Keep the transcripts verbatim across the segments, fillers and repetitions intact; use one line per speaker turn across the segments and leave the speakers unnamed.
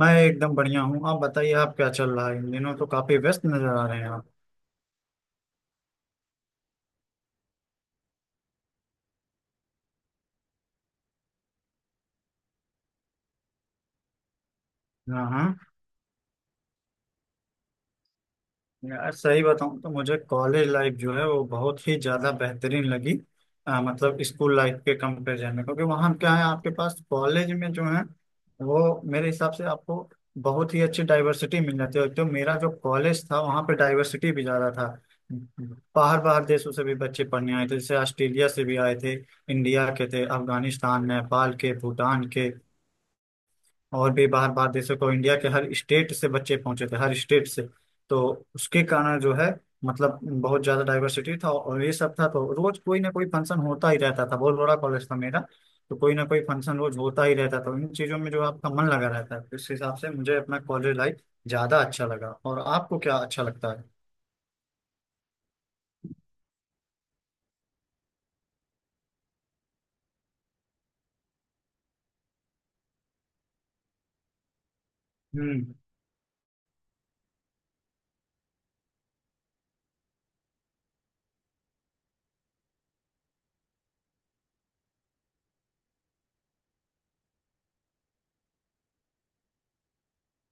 मैं एकदम बढ़िया हूँ। आप बताइए, आप क्या चल रहा है इन दिनों, तो काफी व्यस्त नजर आ रहे हैं आप। हाँ हाँ। यार सही बताऊँ तो मुझे कॉलेज लाइफ जो है वो बहुत ही ज्यादा बेहतरीन लगी। आ, मतलब स्कूल लाइफ के कंपेरिजन में क्योंकि वहाँ क्या है, आपके पास कॉलेज में जो है वो मेरे हिसाब से आपको बहुत ही अच्छी डाइवर्सिटी मिल जाती है। तो मेरा जो कॉलेज था वहाँ पे डाइवर्सिटी भी ज्यादा था। बाहर बाहर देशों से भी बच्चे पढ़ने आए थे, जैसे ऑस्ट्रेलिया से भी आए थे, इंडिया के थे, अफगानिस्तान नेपाल के भूटान के, और भी बाहर बाहर देशों को, इंडिया के हर स्टेट से बच्चे पहुंचे थे हर स्टेट से। तो उसके कारण जो है मतलब बहुत ज्यादा डाइवर्सिटी था और ये सब था, तो रोज कोई ना कोई फंक्शन होता ही रहता था। बहुत बड़ा कॉलेज था मेरा। तो कोई ना कोई फंक्शन रोज होता ही रहता था। इन चीजों में जो आपका मन लगा रहता है, इस हिसाब से मुझे अपना कॉलेज लाइफ ज्यादा अच्छा लगा। और आपको क्या अच्छा लगता है? हम्म।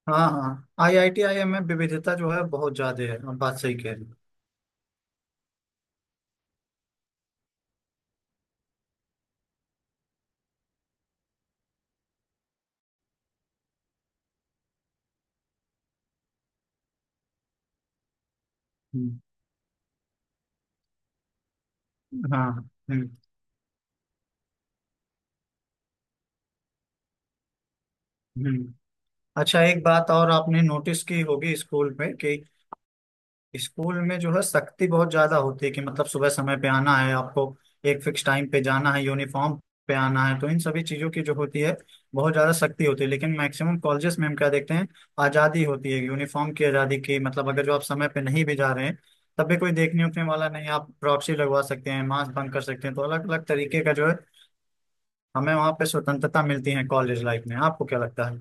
हाँ हाँ, I I T I M में विविधता जो है बहुत ज्यादा है। आप बात सही कह रही हैं। हम्म। हाँ। हम्म। हम्म। अच्छा, एक बात और आपने नोटिस की होगी स्कूल में कि स्कूल में जो है सख्ती बहुत ज्यादा होती है। कि मतलब सुबह समय पे आना है आपको, एक फिक्स टाइम पे जाना है, यूनिफॉर्म पे आना है, तो इन सभी चीजों की जो होती है बहुत ज्यादा सख्ती होती है। लेकिन मैक्सिमम कॉलेजेस में हम क्या देखते हैं, आजादी होती है, यूनिफॉर्म की आजादी की, मतलब अगर जो आप समय पे नहीं भी जा रहे हैं तब भी कोई देखने उठने वाला नहीं। आप प्रॉक्सी लगवा सकते हैं, मास्क बंक कर सकते हैं, तो अलग अलग तरीके का जो है हमें वहाँ पे स्वतंत्रता मिलती है कॉलेज लाइफ में। आपको क्या लगता है?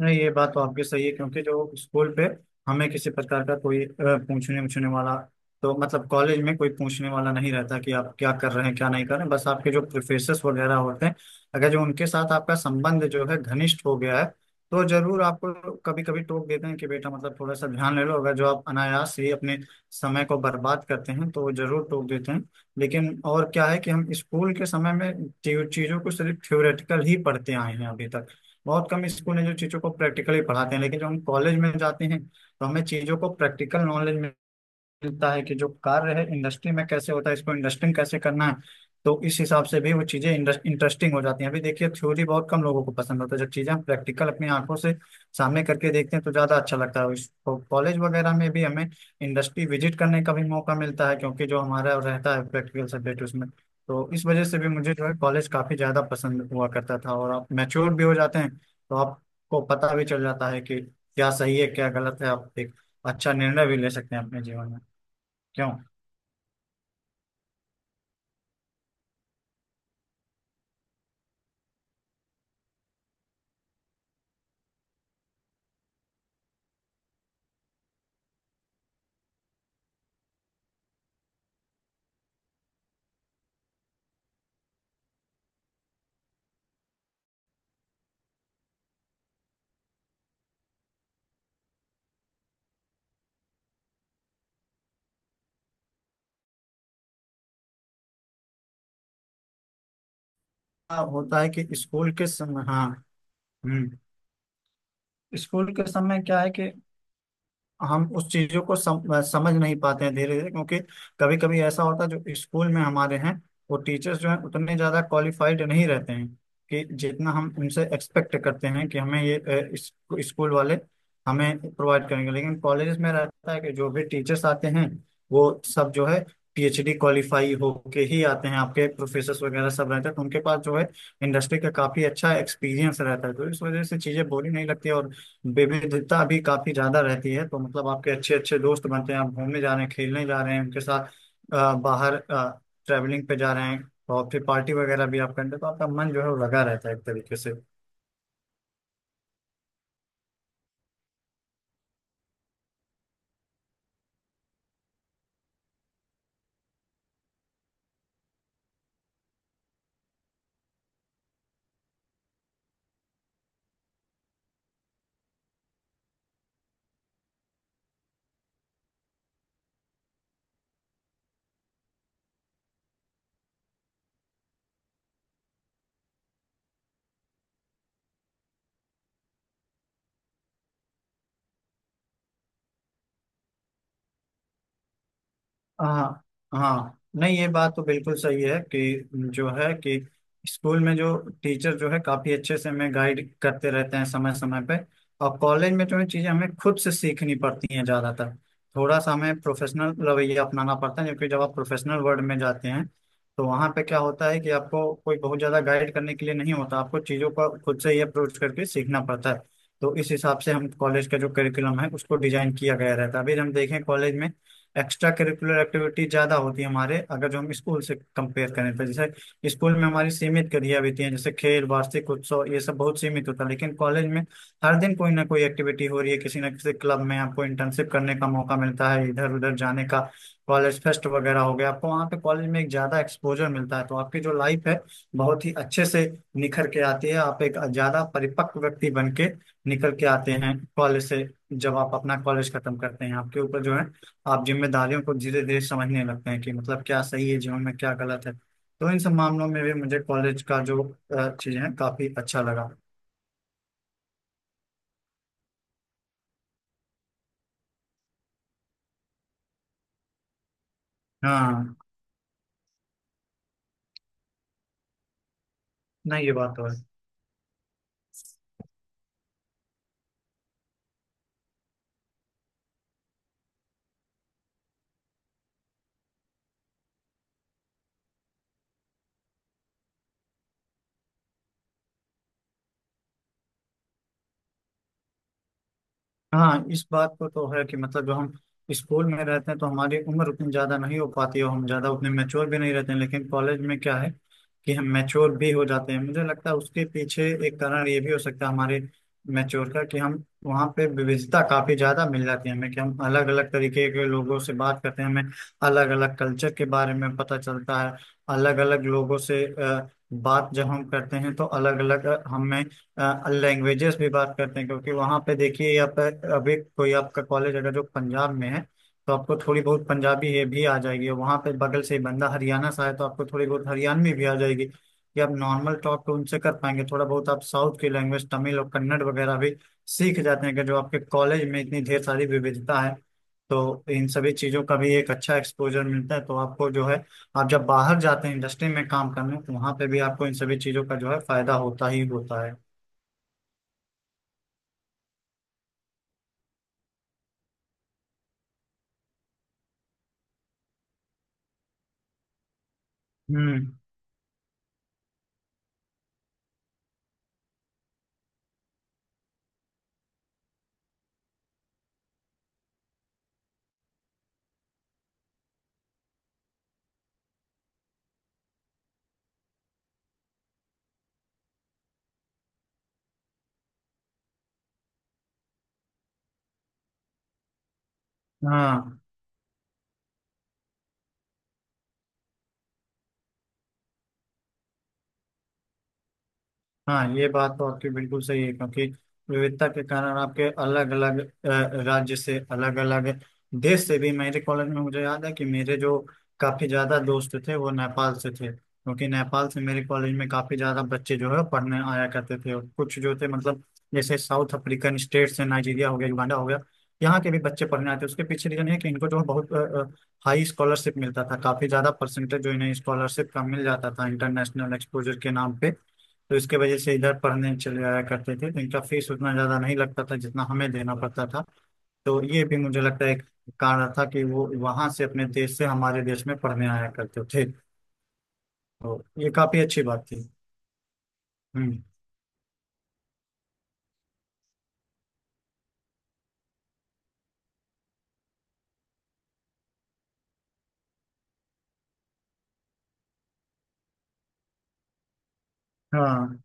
नहीं, ये बात तो आपकी सही है क्योंकि जो स्कूल पे हमें किसी प्रकार का कोई अ, पूछने उछने वाला, तो मतलब कॉलेज में कोई पूछने वाला नहीं रहता कि आप क्या कर रहे हैं क्या नहीं कर रहे हैं। बस आपके जो प्रोफेसर्स वगैरह होते हैं, अगर जो उनके साथ आपका संबंध जो है घनिष्ठ हो गया है तो जरूर आपको कभी कभी टोक देते हैं कि बेटा मतलब थोड़ा सा ध्यान ले लो। अगर जो आप अनायास ही अपने समय को बर्बाद करते हैं तो वो जरूर टोक देते हैं। लेकिन और क्या है कि हम स्कूल के समय में चीजों को सिर्फ थ्योरेटिकल ही पढ़ते आए हैं अभी तक। बहुत कम स्कूल हैं जो चीज़ों को प्रैक्टिकली पढ़ाते हैं। लेकिन जब हम कॉलेज में जाते हैं तो हमें चीज़ों को प्रैक्टिकल नॉलेज मिलता है कि जो कार्य है इंडस्ट्री में कैसे होता है, इसको इंडस्ट्रिंग कैसे करना है। तो इस हिसाब से भी वो चीजें इंटरेस्टिंग हो जाती हैं। अभी देखिए, थ्योरी बहुत कम लोगों को पसंद होता है। जब चीजें हम प्रैक्टिकल अपनी आंखों से सामने करके देखते हैं तो ज्यादा अच्छा लगता है उसको। कॉलेज वगैरह में भी हमें इंडस्ट्री विजिट करने का भी मौका मिलता है क्योंकि जो हमारा रहता है प्रैक्टिकल सब्जेक्ट उसमें। तो इस वजह से भी मुझे जो है कॉलेज काफी ज्यादा पसंद हुआ करता था। और आप मैच्योर भी हो जाते हैं तो आपको पता भी चल जाता है कि क्या सही है क्या गलत है। आप एक अच्छा निर्णय भी ले सकते हैं अपने जीवन में। क्यों। हाँ, होता है कि स्कूल के समय। हाँ। हम्म। स्कूल के समय क्या है कि हम उस चीजों को सम, समझ नहीं पाते हैं धीरे धीरे। क्योंकि कभी कभी ऐसा होता है जो स्कूल में हमारे हैं, वो टीचर्स जो हैं उतने ज्यादा क्वालिफाइड नहीं रहते हैं कि जितना हम उनसे एक्सपेक्ट करते हैं कि हमें ये अ, इस, स्कूल वाले हमें प्रोवाइड करेंगे। लेकिन कॉलेज में रहता है कि जो भी टीचर्स आते हैं वो सब जो है पी एच डी क्वालिफाई होके ही आते हैं। आपके प्रोफेसर वगैरह सब रहते हैं, तो उनके पास जो है इंडस्ट्री का काफी अच्छा एक्सपीरियंस रहता है। तो इस वजह से चीजें बोरिंग नहीं लगती और विविधता भी काफी ज्यादा रहती है। तो मतलब आपके अच्छे अच्छे दोस्त बनते हैं, आप घूमने जा रहे हैं, खेलने जा रहे हैं उनके साथ, अ, बाहर ट्रैवलिंग पे जा रहे हैं, और फिर पार्टी वगैरह भी आप करते हैं, तो आपका मन जो है वो लगा रहता है एक तरीके से। हाँ। हाँ, नहीं ये बात तो बिल्कुल सही है कि जो है कि स्कूल में जो टीचर जो है काफी अच्छे से हमें गाइड करते रहते हैं समय समय पे। और कॉलेज में जो है चीजें हमें खुद से सीखनी पड़ती हैं ज्यादातर। थोड़ा सा हमें प्रोफेशनल रवैया अपनाना पड़ता है क्योंकि जब आप प्रोफेशनल वर्ल्ड में जाते हैं तो वहां पे क्या होता है कि आपको कोई बहुत ज्यादा गाइड करने के लिए नहीं होता। आपको चीजों को खुद से ही अप्रोच करके सीखना पड़ता है। तो इस हिसाब से हम कॉलेज का जो करिकुलम है उसको डिजाइन किया गया रहता है। अभी हम देखें, कॉलेज में एक्स्ट्रा करिकुलर एक्टिविटी ज़्यादा होती है हमारे, अगर जो हम स्कूल से कंपेयर करें तो। जैसे स्कूल में हमारी सीमित गतिविधियां होती हैं, जैसे खेल, वार्षिक उत्सव, ये सब बहुत सीमित होता है। लेकिन कॉलेज में हर दिन कोई ना कोई एक्टिविटी हो रही है किसी ना किसी क्लब में। आपको इंटर्नशिप करने का मौका मिलता है इधर उधर जाने का। कॉलेज फेस्ट वगैरह हो गया, आपको वहाँ पे कॉलेज में एक ज़्यादा एक्सपोजर मिलता है, तो आपकी जो लाइफ है बहुत ही अच्छे से निखर के आती है। आप एक ज़्यादा परिपक्व व्यक्ति बन के निकल के आते हैं कॉलेज से। जब आप अपना कॉलेज खत्म करते हैं, आपके ऊपर जो है आप जिम्मेदारियों को धीरे धीरे समझने लगते हैं कि मतलब क्या सही है जीवन में क्या गलत है। तो इन सब मामलों में भी मुझे कॉलेज का जो चीज़ें हैं काफी अच्छा लगा। हाँ। नहीं ये बात तो है। हाँ, इस बात को तो है कि मतलब जो हम स्कूल में रहते हैं तो हमारी उम्र उतनी ज़्यादा नहीं हो पाती है, और हम ज़्यादा उतने मैच्योर भी नहीं रहते हैं। लेकिन कॉलेज में क्या है कि हम मैच्योर भी हो जाते हैं। मुझे लगता है उसके पीछे एक कारण ये भी हो सकता है हमारे मैच्योर का, कि हम वहाँ पे विविधता काफ़ी ज़्यादा मिल जाती है हमें, कि हम अलग अलग तरीके के लोगों से बात करते हैं। हमें अलग अलग कल्चर के बारे में पता चलता है। अलग अलग लोगों से अ, बात जब हम करते हैं तो अलग अलग हमें लैंग्वेजेस भी बात करते हैं। क्योंकि वहाँ पे देखिए, आप अभी कोई आपका कॉलेज अगर जो पंजाब में है तो आपको थोड़ी बहुत पंजाबी ये भी आ जाएगी। और वहाँ पे बगल से ही बंदा हरियाणा से आए तो आपको थोड़ी बहुत हरियाणवी भी आ जाएगी कि आप नॉर्मल टॉक तो उनसे कर पाएंगे। थोड़ा बहुत आप साउथ की लैंग्वेज तमिल और कन्नड़ वगैरह भी सीख जाते हैं, कि जो आपके कॉलेज में इतनी ढेर सारी विविधता है। तो इन सभी चीज़ों का भी एक अच्छा एक्सपोजर मिलता है, तो आपको जो है आप जब बाहर जाते हैं इंडस्ट्री में काम करने, तो वहाँ पे भी आपको इन सभी चीज़ों का जो है फायदा होता ही होता है। हम्म। हाँ। हाँ ये बात तो आपकी बिल्कुल सही है, क्योंकि विविधता के कारण आपके अलग अलग राज्य से, अलग अलग देश से भी, मेरे कॉलेज में मुझे याद है कि मेरे जो काफी ज्यादा दोस्त थे वो नेपाल से थे, क्योंकि नेपाल से मेरे कॉलेज में काफी ज्यादा बच्चे जो है पढ़ने आया करते थे। और कुछ जो थे मतलब जैसे साउथ अफ्रीकन स्टेट से, नाइजीरिया हो गया, युगांडा हो गया, यहाँ के भी बच्चे पढ़ने आते। उसके पीछे रीजन है कि इनको जो है बहुत हाई स्कॉलरशिप मिलता था। काफी ज्यादा परसेंटेज जो इन्हें स्कॉलरशिप का मिल जाता था इंटरनेशनल एक्सपोजर के नाम पे। तो इसके वजह से इधर पढ़ने चले आया करते थे, तो इनका फीस उतना ज़्यादा नहीं लगता था जितना हमें देना पड़ता था। तो ये भी मुझे लगता है एक कारण था कि वो वहां से अपने देश से हमारे देश में पढ़ने आया करते थे। तो ये काफ़ी अच्छी बात थी। हम्म। हाँ।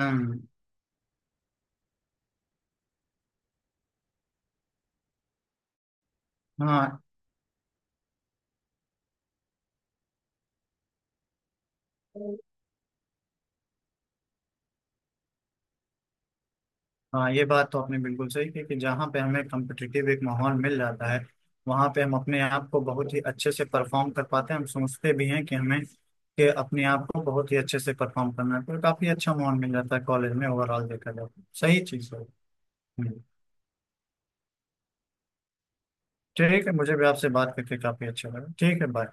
हम्म, हाँ। हाँ ये बात तो आपने बिल्कुल सही की, कि जहाँ पे हमें कॉम्पिटिटिव एक माहौल मिल जाता है वहाँ पे हम अपने आप को बहुत ही अच्छे से परफॉर्म कर पाते हैं। हम सोचते भी हैं कि हमें कि अपने आप को बहुत ही अच्छे से परफॉर्म करना है, तो काफी अच्छा माहौल मिल जाता है कॉलेज में ओवरऑल देखा जाए तो। सही चीज़ है। हम्म। ठीक है, मुझे भी आपसे बात करके काफी अच्छा लगा। ठीक है, बाय।